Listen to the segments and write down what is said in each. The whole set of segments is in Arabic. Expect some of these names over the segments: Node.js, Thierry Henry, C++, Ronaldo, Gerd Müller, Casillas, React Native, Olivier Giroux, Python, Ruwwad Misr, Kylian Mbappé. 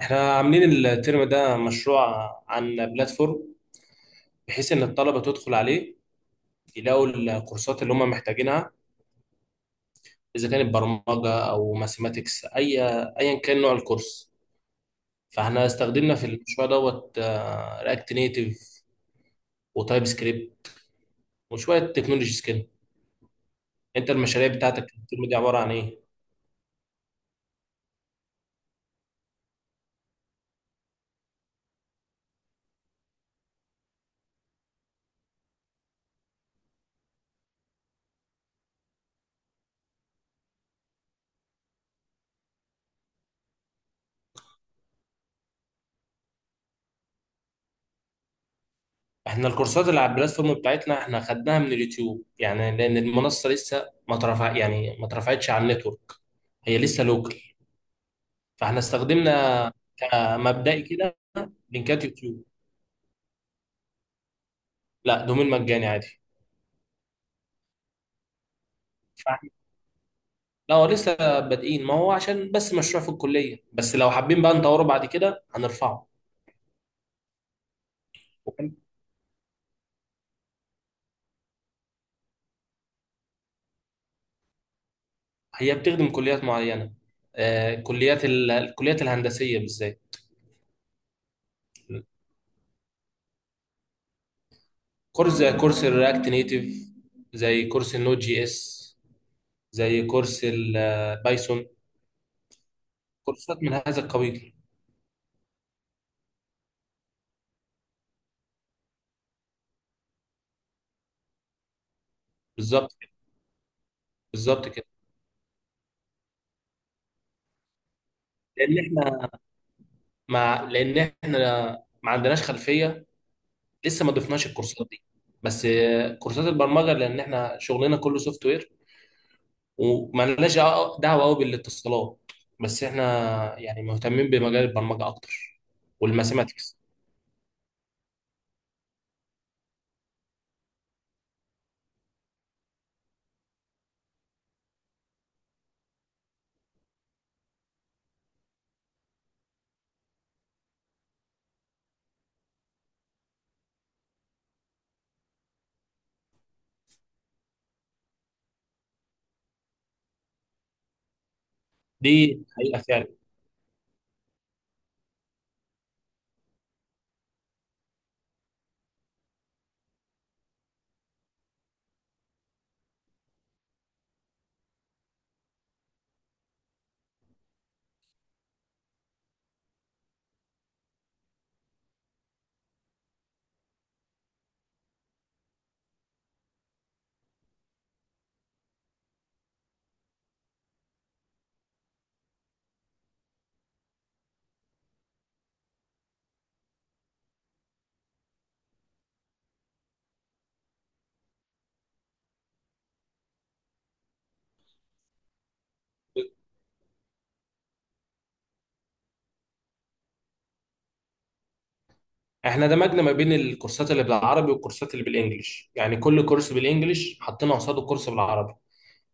احنا عاملين الترم ده مشروع عن بلاتفورم، بحيث ان الطلبه تدخل عليه يلاقوا الكورسات اللي هم محتاجينها، اذا كانت برمجه او ماثيماتكس، ايا كان نوع الكورس. فاحنا استخدمنا في المشروع دوت رياكت نيتيف وتايب سكريبت وشويه تكنولوجيز كده. انت المشاريع بتاعتك الترم دي عباره عن ايه؟ احنا الكورسات اللي على البلاتفورم بتاعتنا احنا خدناها من اليوتيوب، يعني لان المنصه لسه ما ترفع، يعني ما اترفعتش على النتورك، هي لسه لوكال. فاحنا استخدمنا كمبدئي كده لينكات يوتيوب. لا، دومين مجاني عادي. فاحنا لا هو لسه بادئين، ما هو عشان بس مشروع في الكليه، بس لو حابين بقى نطوره بعد كده هنرفعه. وكم- هي بتخدم كليات معينه، كليات الكليات الهندسيه بالذات. كورس زي كورس الرياكت نيتيف، زي كورس النوت جي اس، زي كورس البايثون، كورسات من هذا القبيل. بالظبط. بالظبط كده. لان احنا لان احنا ما عندناش خلفيه، لسه ما ضفناش الكورسات دي. بس كورسات البرمجه، لان احنا شغلنا كله سوفت وير وما لناش دعوه قوي بالاتصالات. بس احنا يعني مهتمين بمجال البرمجه اكتر والماثيماتكس. دي حقيقه فعلا. احنا دمجنا ما بين الكورسات اللي بالعربي والكورسات اللي بالانجلش، يعني كل كورس بالانجلش حطينا قصاده كورس بالعربي.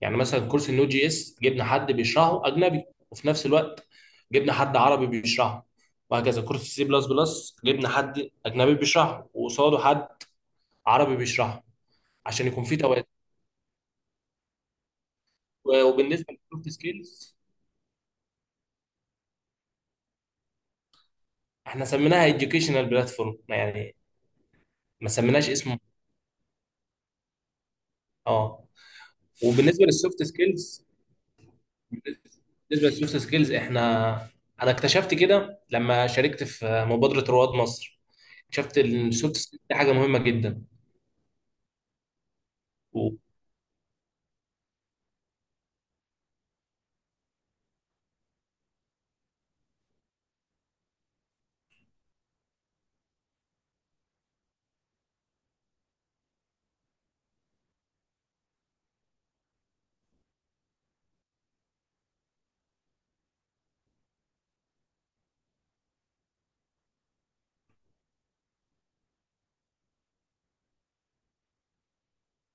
يعني مثلا كورس النود جي اس جبنا حد بيشرحه اجنبي، وفي نفس الوقت جبنا حد عربي بيشرحه. وهكذا كورس سي بلس بلس جبنا حد اجنبي بيشرحه وقصاده حد عربي بيشرحه، عشان يكون في توازن. وبالنسبه للسوفت سكيلز، احنا سميناها educational بلاتفورم يعني، ما سميناش اسمه. اه. وبالنسبه للسوفت سكيلز بالنسبه للسوفت سكيلز احنا، انا اكتشفت كده لما شاركت في مبادره رواد مصر، اكتشفت ان السوفت سكيلز دي حاجه مهمه جدا.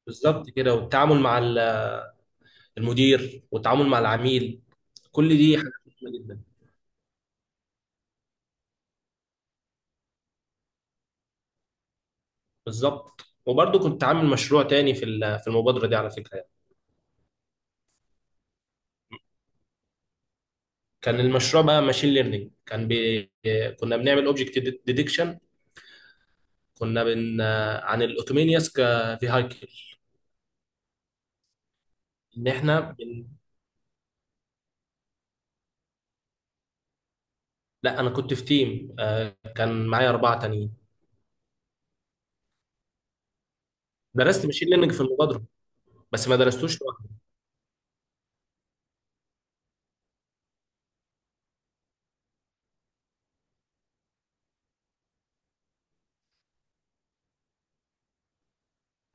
بالظبط كده، والتعامل مع المدير والتعامل مع العميل، كل دي حاجات مهمه جدا. بالظبط. وبرضه كنت عامل مشروع تاني في في المبادره دي على فكره يعني. كان المشروع بقى ماشين ليرنينج. كنا بنعمل اوبجكت ديدكشن، كنا بن عن الاوتومينيوس كفيهايكل. ان احنا بن... لا، انا كنت في تيم، كان معايا اربعه تانيين. درست ماشين ليرنينج في المبادره بس ما درستوش لوحدي.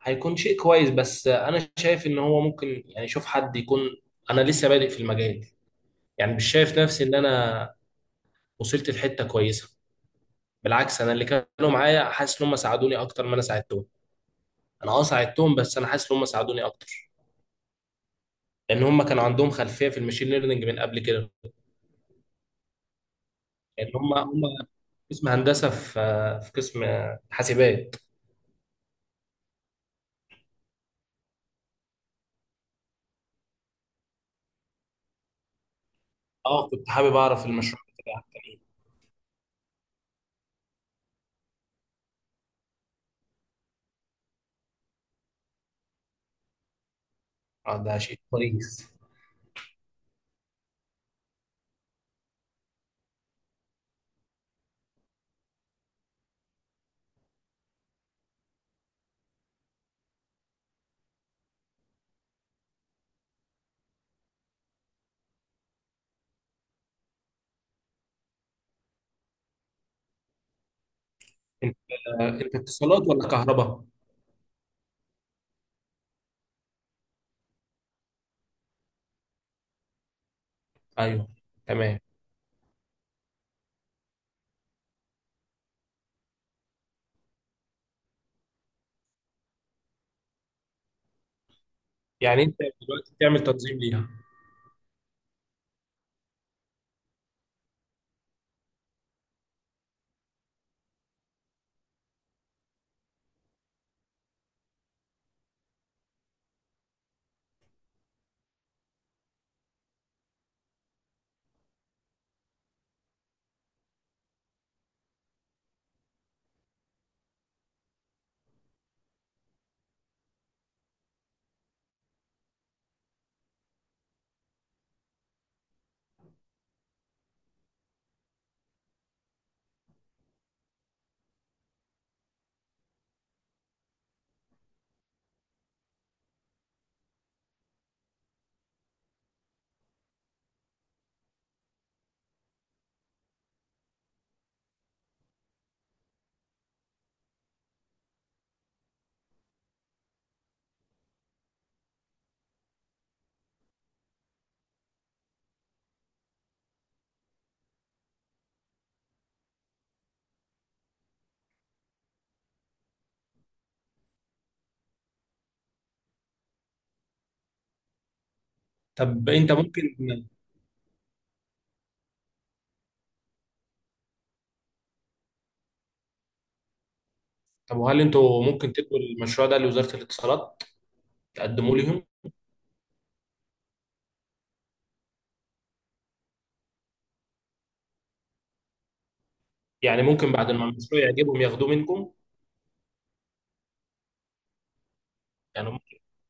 هيكون شيء كويس، بس انا شايف ان هو ممكن يعني شوف حد يكون، انا لسه بادئ في المجال، يعني مش شايف نفسي ان انا وصلت لحته كويسه. بالعكس انا اللي كانوا معايا حاسس ان هم ساعدوني اكتر ما انا ساعدتهم. انا اه ساعدتهم، بس انا حاسس ان هم ساعدوني اكتر، لان هم كانوا عندهم خلفيه في المشين ليرنينج من قبل كده. لان هم قسم هندسه في، في قسم حاسبات. اه، كنت حابب اعرف المشروع بتاعك كان ايه. اه ده شيء كويس. انت انت اتصالات ولا كهرباء؟ ايوه، تمام. يعني انت دلوقتي بتعمل تنظيم ليها؟ طب انت ممكن، طب وهل انتوا ممكن تدوا المشروع ده لوزارة الاتصالات، تقدموا ليهم؟ يعني ممكن بعد ما المشروع يعجبهم ياخدوه منكم؟ يعني هم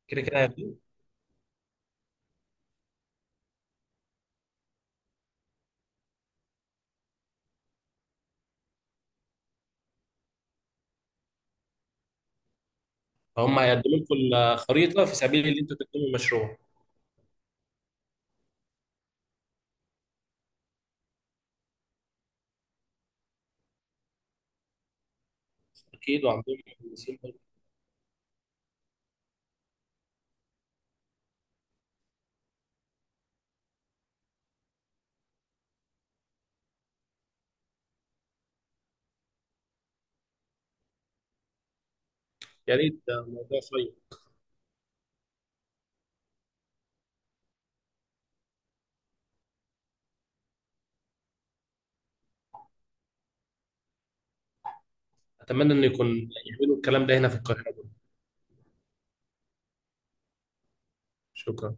كده كده هياخدوه. فهم هيقدموا لكم الخريطة في سبيل ان انتوا تقدموا المشروع. اكيد، وعندهم مهندسين برضه. يا ريت، ده موضوع شيق. اتمنى ان يكون يعملوا الكلام ده هنا في القاهرة برضه. شكرا.